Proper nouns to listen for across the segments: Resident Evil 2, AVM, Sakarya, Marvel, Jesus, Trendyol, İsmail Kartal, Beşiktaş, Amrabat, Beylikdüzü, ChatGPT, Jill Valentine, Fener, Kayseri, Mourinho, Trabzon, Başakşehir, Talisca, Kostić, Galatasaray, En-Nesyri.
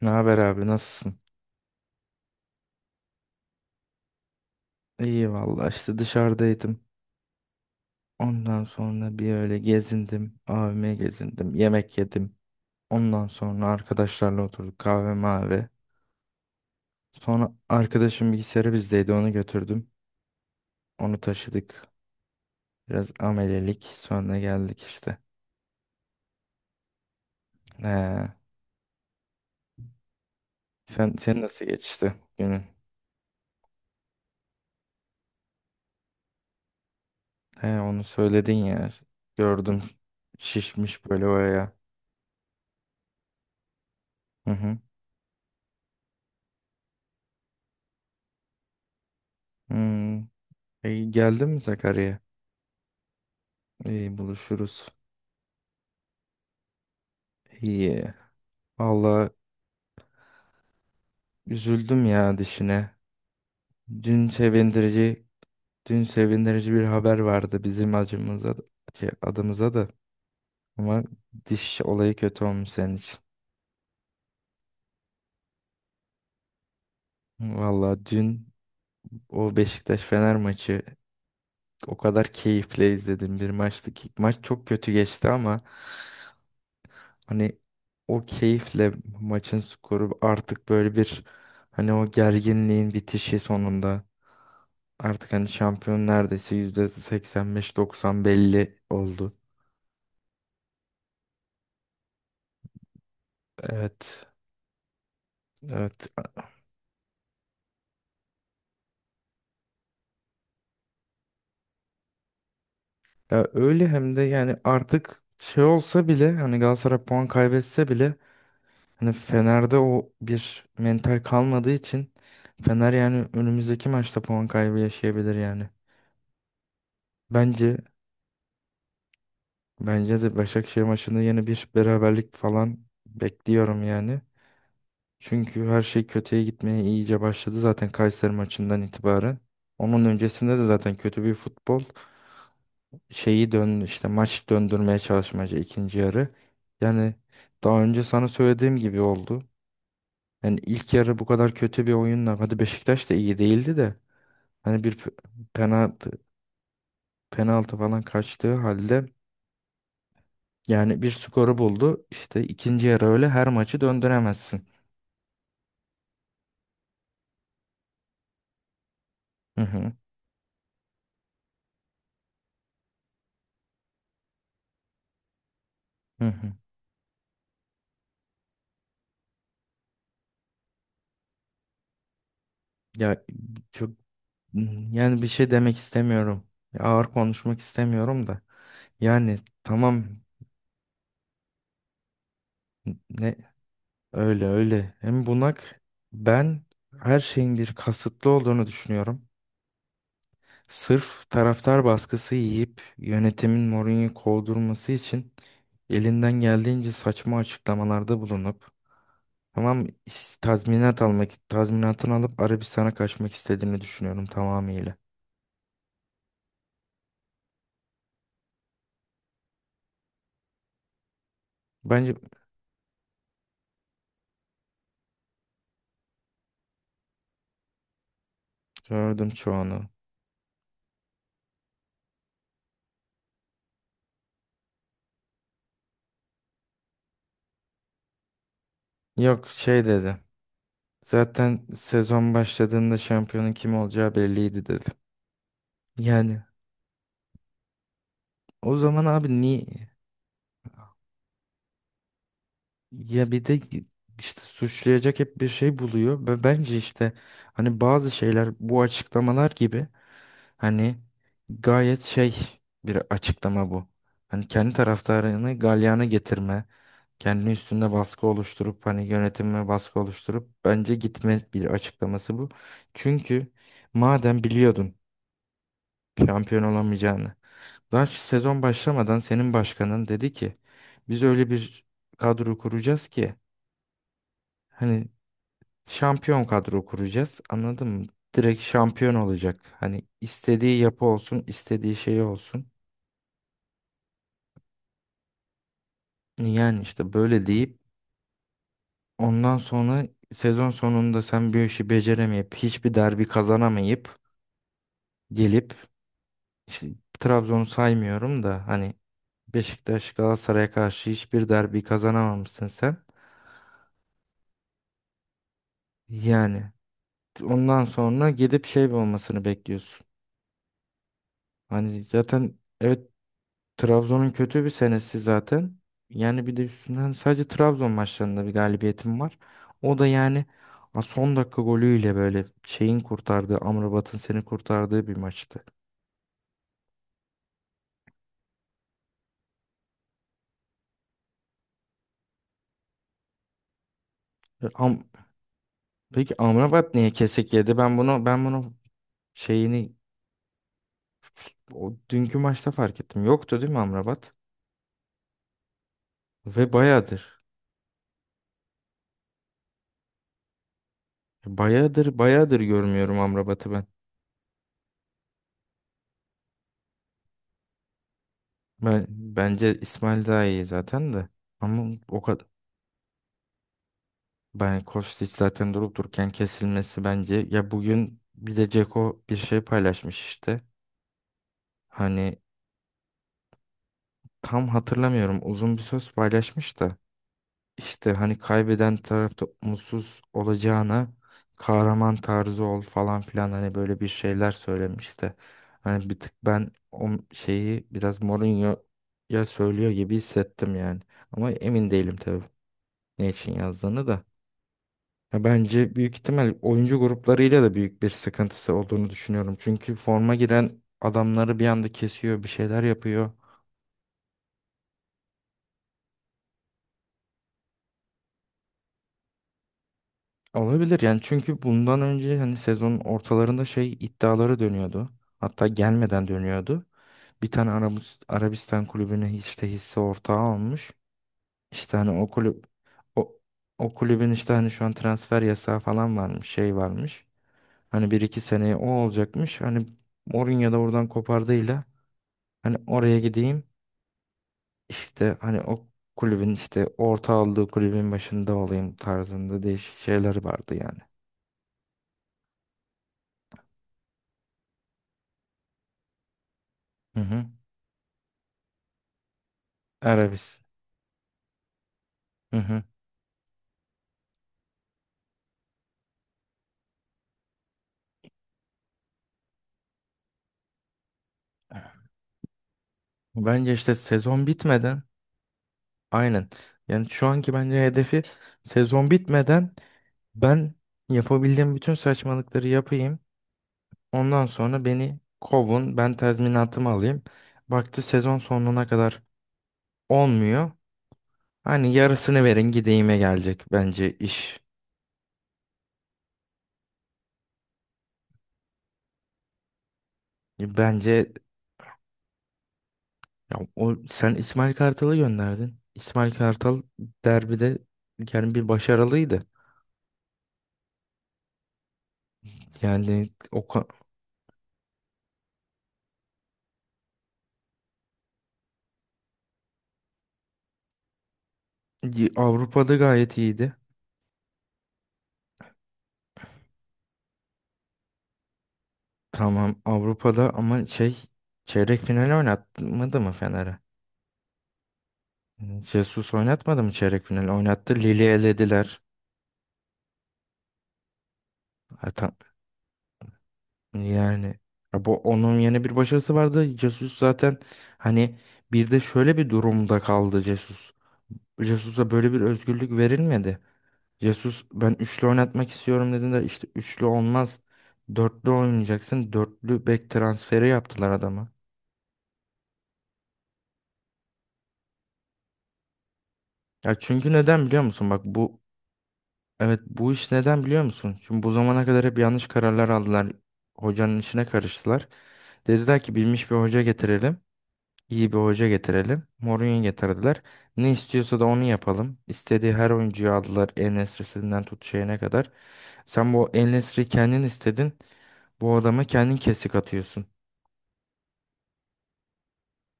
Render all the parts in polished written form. Ne haber abi, nasılsın? İyi vallahi, işte dışarıdaydım. Ondan sonra bir öyle gezindim. AVM gezindim. Yemek yedim. Ondan sonra arkadaşlarla oturduk kahve mavi. Sonra arkadaşım bilgisayarı bizdeydi, onu götürdüm. Onu taşıdık. Biraz amelelik. Sonra geldik işte. He. Sen nasıl geçti günün? He, onu söyledin ya. Gördüm. Şişmiş böyle oraya. Hı hı. Hmm. E, geldin mi Sakarya'ya? İyi, buluşuruz. İyi. Valla üzüldüm ya dişine. Dün sevindirici, dün sevindirici bir haber vardı bizim acımıza, adımıza da. Ama diş olayı kötü olmuş senin için. Valla dün o Beşiktaş-Fener maçı o kadar keyifle izledim, bir maçtı ki maç çok kötü geçti ama hani o keyifle maçın skoru artık böyle bir, hani o gerginliğin bitişi sonunda. Artık hani şampiyon neredeyse %85-90 belli oldu. Evet. Evet. Ya öyle hem de, yani artık şey olsa bile, hani Galatasaray puan kaybetse bile hani Fener'de o bir mental kalmadığı için Fener yani önümüzdeki maçta puan kaybı yaşayabilir yani. Bence bence de Başakşehir maçında yeni bir beraberlik falan bekliyorum yani. Çünkü her şey kötüye gitmeye iyice başladı zaten Kayseri maçından itibaren. Onun öncesinde de zaten kötü bir futbol şeyi, dön işte maç döndürmeye çalışmaca ikinci yarı. Yani daha önce sana söylediğim gibi oldu. Yani ilk yarı bu kadar kötü bir oyunla, hadi Beşiktaş da iyi değildi de hani bir pe- penaltı penaltı falan kaçtığı halde yani bir skoru buldu. İşte ikinci yarı öyle her maçı döndüremezsin. Hı hı. Hı hı. Ya çok Yani bir şey demek istemiyorum. Ağır konuşmak istemiyorum da. Yani tamam, ne öyle öyle. Hem bunak, ben her şeyin bir kasıtlı olduğunu düşünüyorum. Sırf taraftar baskısı yiyip yönetimin Mourinho'yu kovdurması için elinden geldiğince saçma açıklamalarda bulunup, tamam tazminatını alıp Arabistan'a kaçmak istediğini düşünüyorum tamamıyla. Bence Gördüm çoğunu. Yok şey dedi. Zaten sezon başladığında şampiyonun kim olacağı belliydi, dedim. Yani o zaman abi niye ya bir de işte suçlayacak hep bir şey buluyor ve bence işte hani bazı şeyler bu açıklamalar gibi, hani gayet şey bir açıklama bu. Hani kendi taraftarını galyana getirme, kendi üstünde baskı oluşturup hani yönetime baskı oluşturup bence gitme bir açıklaması bu. Çünkü madem biliyordun şampiyon olamayacağını, daha sezon başlamadan senin başkanın dedi ki biz öyle bir kadro kuracağız ki hani şampiyon kadro kuracağız, anladın mı? Direkt şampiyon olacak. Hani istediği yapı olsun, istediği şey olsun. Yani işte böyle deyip ondan sonra sezon sonunda sen bir işi beceremeyip, hiçbir derbi kazanamayıp gelip, işte Trabzon'u saymıyorum da hani Beşiktaş Galatasaray'a karşı hiçbir derbi kazanamamışsın sen. Yani ondan sonra gidip şey olmasını bekliyorsun. Hani zaten, evet, Trabzon'un kötü bir senesi zaten. Yani bir de üstünden sadece Trabzon maçlarında bir galibiyetim var. O da yani son dakika golüyle böyle şeyin kurtardığı, Amrabat'ın seni kurtardığı bir maçtı. E, Am Peki Amrabat niye kesik yedi? Ben bunu şeyini o dünkü maçta fark ettim. Yoktu değil mi Amrabat? Ve bayağıdır. Bayağıdır bayağıdır görmüyorum Amrabat'ı ben. Bence İsmail daha iyi zaten de. Ama o kadar. Ben Kostić zaten durup dururken kesilmesi bence. Ya bugün bir de Ceko bir şey paylaşmış işte. Hani tam hatırlamıyorum, uzun bir söz paylaşmış da. İşte hani kaybeden tarafta mutsuz olacağına kahraman tarzı ol falan filan, hani böyle bir şeyler söylemiş de. Hani bir tık ben o şeyi biraz Mourinho'ya söylüyor gibi hissettim yani. Ama emin değilim tabii ne için yazdığını da. Ya bence büyük ihtimal oyuncu gruplarıyla da büyük bir sıkıntısı olduğunu düşünüyorum. Çünkü forma giren adamları bir anda kesiyor, bir şeyler yapıyor. Olabilir yani, çünkü bundan önce hani sezonun ortalarında şey iddiaları dönüyordu. Hatta gelmeden dönüyordu. Bir tane Arabistan kulübüne işte hisse ortağı almış. İşte hani o, o kulübün işte hani şu an transfer yasağı falan varmış, şey varmış. Hani bir iki seneye o olacakmış. Hani Mourinho da oradan kopardığıyla hani oraya gideyim, işte hani o kulübün işte orta aldığı kulübün başında olayım tarzında değişik şeyler vardı yani. Hı hı. Arabis. Hı hı. Bence işte sezon bitmeden, aynen. Yani şu anki bence hedefi sezon bitmeden ben yapabildiğim bütün saçmalıkları yapayım. Ondan sonra beni kovun. Ben tazminatımı alayım. Baktı sezon sonuna kadar olmuyor. Hani yarısını verin gideyime gelecek bence iş. Bence Ya o, sen İsmail Kartal'ı gönderdin. İsmail Kartal derbide yani bir başarılıydı. Yani Avrupa'da gayet iyiydi. Tamam Avrupa'da, ama şey, çeyrek final oynatmadı mı Fener'e? Yani Jesus oynatmadı mı çeyrek final? Oynattı. Lili elediler. Ha, tam- yani, ya bu onun yeni bir başarısı vardı. Jesus zaten, hani, bir de şöyle bir durumda kaldı Jesus. Jesus'a böyle bir özgürlük verilmedi. Jesus ben üçlü oynatmak istiyorum dedin de işte üçlü olmaz. Dörtlü oynayacaksın. Dörtlü bek transferi yaptılar adama. Ya çünkü neden biliyor musun? Bak bu, evet, bu iş neden biliyor musun? Şimdi bu zamana kadar hep yanlış kararlar aldılar. Hocanın işine karıştılar. Dediler ki bilmiş bir hoca getirelim, iyi bir hoca getirelim. Mourinho getirdiler. Ne istiyorsa da onu yapalım. İstediği her oyuncuyu aldılar. En-Nesyri'sinden tut şeyine kadar. Sen bu En-Nesyri kendin istedin. Bu adama kendin kesik atıyorsun.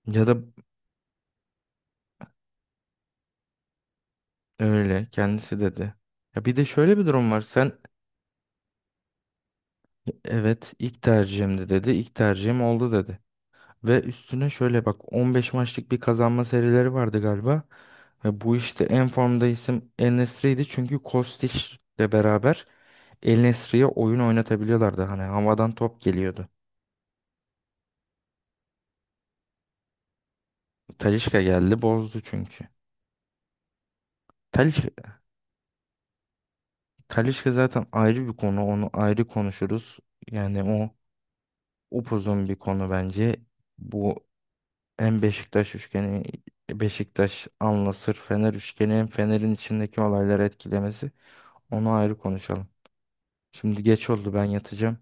Ya da öyle kendisi dedi. Ya bir de şöyle bir durum var. Evet, ilk tercihimdi dedi. İlk tercihim oldu dedi. Ve üstüne şöyle bak, 15 maçlık bir kazanma serileri vardı galiba. Ve bu işte en formda isim El Nesri'ydi. Çünkü Kostiç'le beraber El Nesri'ye oyun oynatabiliyorlardı. Hani havadan top geliyordu. Talisca geldi bozdu çünkü. Talisca, Talisca zaten ayrı bir konu. Onu ayrı konuşuruz. Yani o upuzun bir konu bence. Bu, hem Beşiktaş üçgeni, Beşiktaş, Anlasır, Fener üçgeni, hem Fener'in içindeki olayları etkilemesi. Onu ayrı konuşalım. Şimdi geç oldu, ben yatacağım.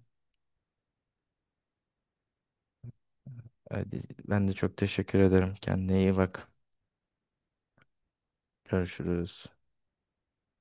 Hadi, ben de çok teşekkür ederim. Kendine iyi bak. Görüşürüz.